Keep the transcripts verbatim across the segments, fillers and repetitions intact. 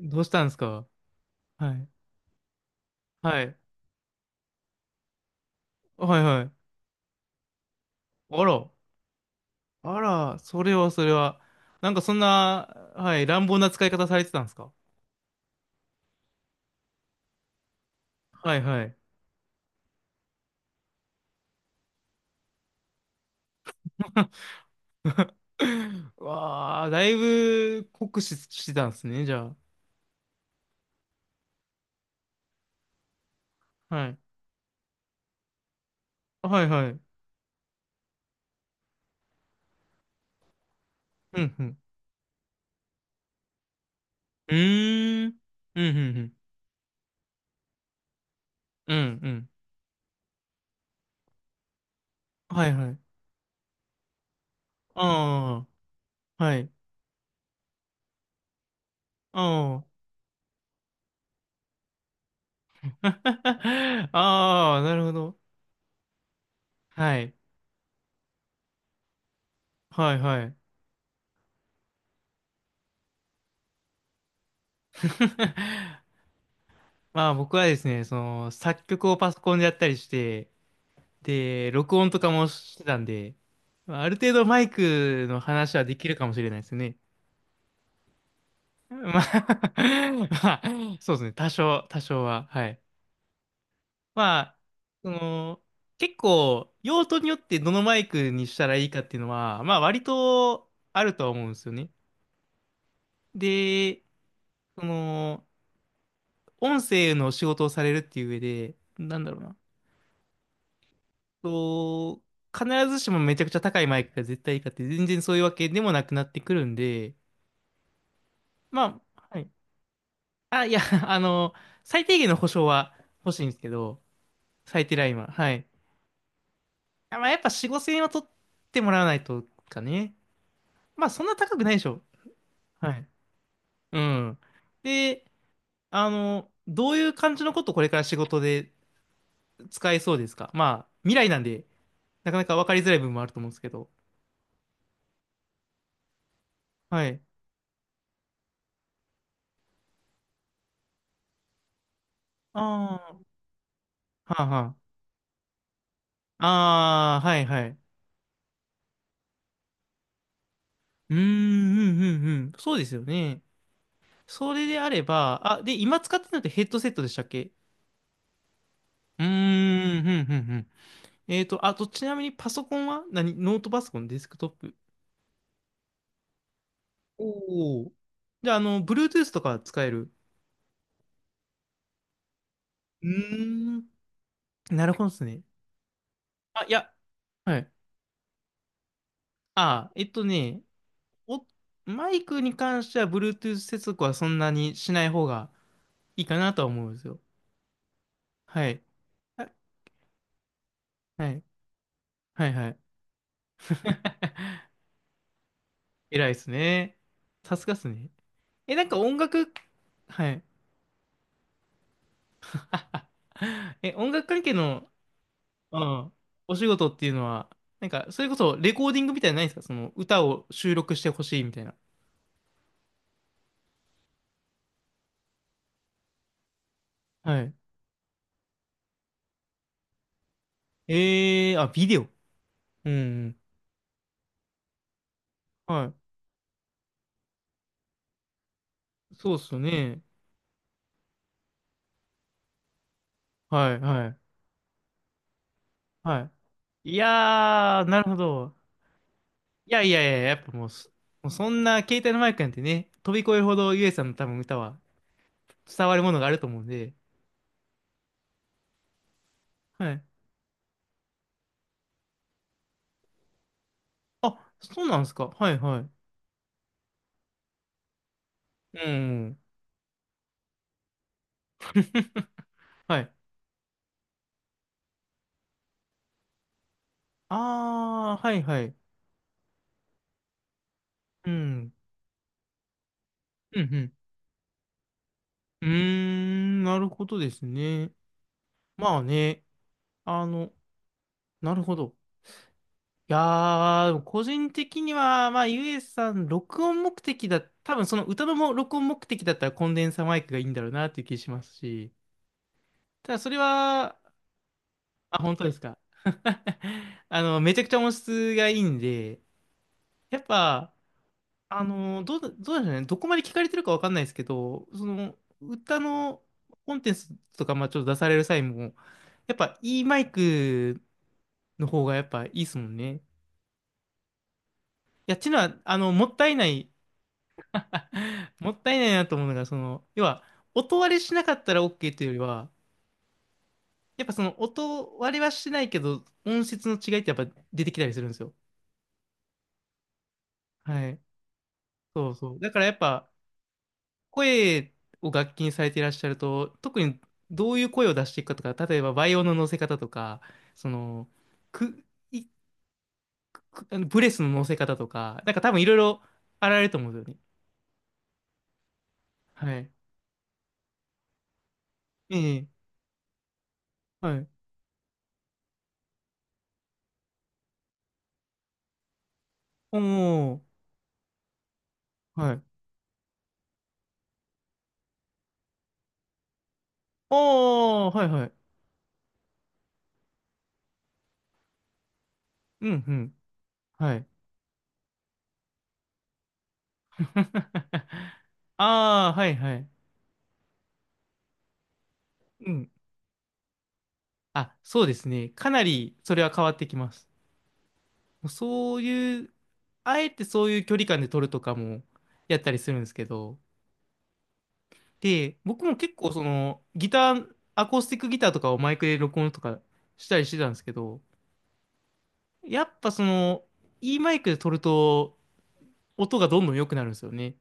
どうしたんですか？はい。はい。はいはい。あら。あら、それはそれは。なんかそんな、はい、乱暴な使い方されてたんですか？はいはい。わあ、だいぶ酷使してたんですね、じゃあ。はい。はいはい。うんうん。うーん。うんうんうん。うんうん。はいはい。ああ、はい。ああ。ああ、なるほど。はい。はいはい。まあ僕はですね、その作曲をパソコンでやったりして、で、録音とかもしてたんで、まあ、ある程度マイクの話はできるかもしれないですね。まあ まあ、そうですね、多少、多少は。はい。まあ、その、結構用途によってどのマイクにしたらいいかっていうのは、まあ割とあるとは思うんですよね。で、その、音声の仕事をされるっていう上で、なんだろうな。と、必ずしもめちゃくちゃ高いマイクが絶対いいかって全然そういうわけでもなくなってくるんで、まあ、はい。あ、いや、あの、最低限の保証は欲しいんですけど、最低ラインは。はい。あ、まあ、やっぱよん、ごせん円は取ってもらわないとかね。まあ、そんな高くないでしょ。はい。うん。で、あの、どういう感じのことこれから仕事で使えそうですか？まあ、未来なんで、なかなか分かりづらい部分もあると思うんですけど。はい。ああ、はあはあ。ああ、はいはい。うーん、うん、うん、うん。そうですよね。それであれば、あ、で、今使ってるのってヘッドセットでしたっけ？うーん、うん、うん、うん。えっと、あと、ちなみにパソコンは何？ノートパソコン、デスクトップ？おお。じゃあ、あの、Bluetooth とか使える？うーん、なるほどですね。あ、いや、はい。あ、えっとね、お、マイクに関しては Bluetooth 接続はそんなにしない方がいいかなとは思うんですよ。はい。あはい、はい、はい。偉いですね。さすがっすね。え、なんか音楽、はい。え、音楽関係の、うん、お仕事っていうのは、なんか、それこそレコーディングみたいなのないですか？その歌を収録してほしいみたいな。はい。えー、あ、ビデオ。うん。はい。そうっすよね。はい、はい、はい。いやー、なるほど。いやいやいや、やっぱもうそ、もうそんな携帯のマイクなんてね、飛び越えるほどゆえさんの多分歌は伝わるものがあると思うんで、はい。あ、そうなんですか。はいはい。うん。はい。ああ、はいはい。うん。うん、うん。うーん、なるほどですね。まあね、あの、なるほど。いやー、でも個人的には、まあ、ゆえさん、録音目的だ、多分その歌のも録音目的だったらコンデンサーマイクがいいんだろうなっていう気しますし、ただそれは、あ、本当ですか。あの、めちゃくちゃ音質がいいんで、やっぱ、あの、どうだ、どうでしょうね。どこまで聞かれてるかわかんないですけど、その、歌のコンテンツとか、まあちょっと出される際も、やっぱいいマイクの方がやっぱいいですもんね。いや、ちのは、あの、もったいない、もったいないなと思うのが、その、要は、音割れしなかったら OK というよりは、やっぱその音割れはしてないけど、音質の違いってやっぱ出てきたりするんですよ。はい。そうそう。だからやっぱ、声を楽器にされていらっしゃると、特にどういう声を出していくかとか、例えばバイオの乗せ方とか、その、く、い、く、あのブレスの乗せ方とか、なんか多分いろいろあられると思うんですよね。はい。ええ、はい。おー、はい。おー、はいはい。うん、うん。はい。ああ、はいはい。うん。あ、そうですね。かなりそれは変わってきます。そういう、あえてそういう距離感で撮るとかもやったりするんですけど、で、僕も結構そのギター、アコースティックギターとかをマイクで録音とかしたりしてたんですけど、やっぱその、いいマイクで撮ると音がどんどん良くなるんですよね。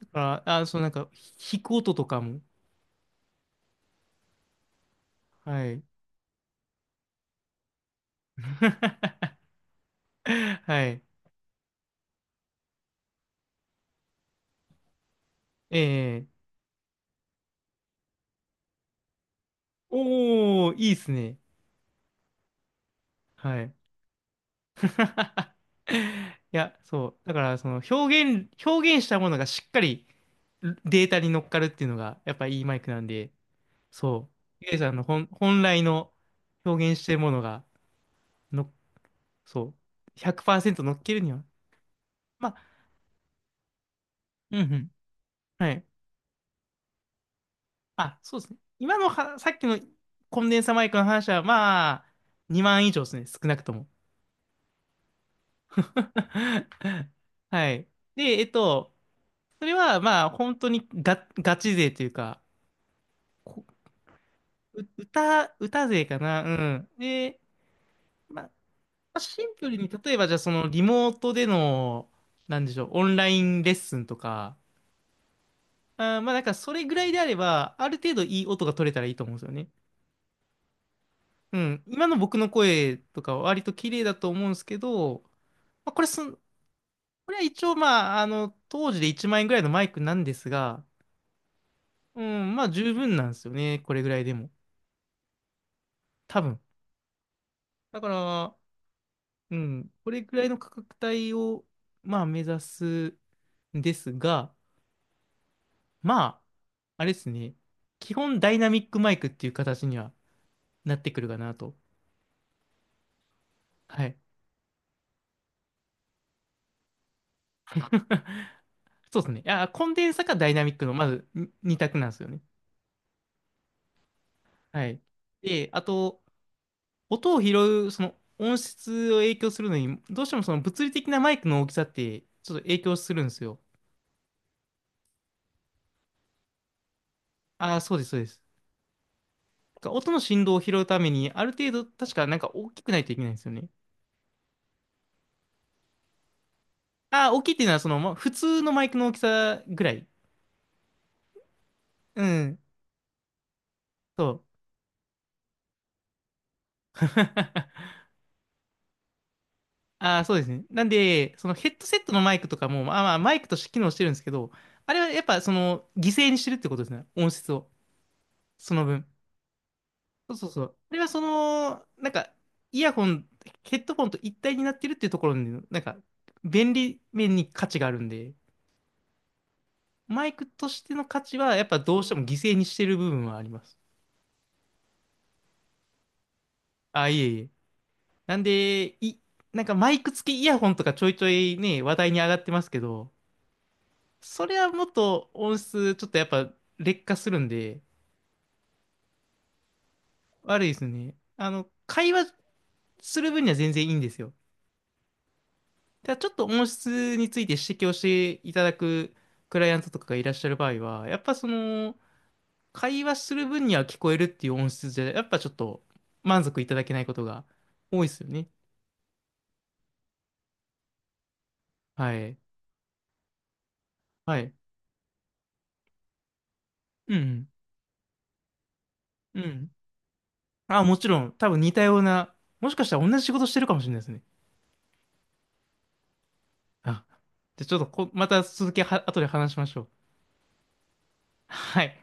だから、あ、そのなんか弾く音とかも。はい。はい。ええおー、いいっすね。はい。いや、そう。だから、その表現、表現したものがしっかりデータに乗っかるっていうのが、やっぱいいマイクなんで、そう、ゆえさんの本、本来の表現してるものが、の、そう、ひゃくパーセント乗っけるには、まあ、うんうん、はい。あ、そうですね。今のは、さっきのコンデンサマイクの話は、まあ、にまん以上ですね、少なくとも。はい。で、えっと、それは、まあ、本当にガ、ガチ勢というか、こ歌、歌勢かな、うん。で、まあ、シンプルに、例えばじゃあそのリモートでの、なんでしょう、オンラインレッスンとか、あーまあなんかそれぐらいであれば、ある程度いい音が取れたらいいと思うんですよね。うん。今の僕の声とかは割と綺麗だと思うんですけど、まあ、これすん、これは一応まあ、あの、当時でいちまん円ぐらいのマイクなんですが、うん、まあ十分なんですよね。これぐらいでも。多分。だから、うん、これぐらいの価格帯を、まあ目指すんですが、まあ、あれですね。基本ダイナミックマイクっていう形にはなってくるかなと。はい。そうですね。いや、コンデンサかダイナミックの、まずに二択なんですよね。はい。で、あと、音を拾う、その音質を影響するのに、どうしてもその物理的なマイクの大きさって、ちょっと影響するんですよ。ああ、そうです、そうです。だから音の振動を拾うために、ある程度、確かなんか大きくないといけないんですよね。ああ、大きいっていうのは、その、ま、普通のマイクの大きさぐらい。うん。そう。ああ、そうですね。なんで、そのヘッドセットのマイクとかも、まあまあ、マイクとして機能してるんですけど、あれはやっぱその、犠牲にしてるってことですね。音質を。その分。そうそうそう。あれはその、なんか、イヤホン、ヘッドフォンと一体になってるっていうところに、なんか、便利面に価値があるんで、マイクとしての価値は、やっぱどうしても犠牲にしてる部分はあります。あ、いえいえ。なんで、い、なんかマイク付きイヤホンとかちょいちょいね、話題に上がってますけど、それはもっと音質、ちょっとやっぱ劣化するんで、悪いですね。あの、会話する分には全然いいんですよ。ただちょっと音質について指摘をしていただくクライアントとかがいらっしゃる場合は、やっぱその、会話する分には聞こえるっていう音質じゃ、やっぱちょっと満足いただけないことが多いですよね。はい。はい。うん。うん。あ、もちろん、多分似たような、もしかしたら同じ仕事してるかもしれないですね。あ、じゃあちょっとこ、また続きは、後で話しましょう。はい。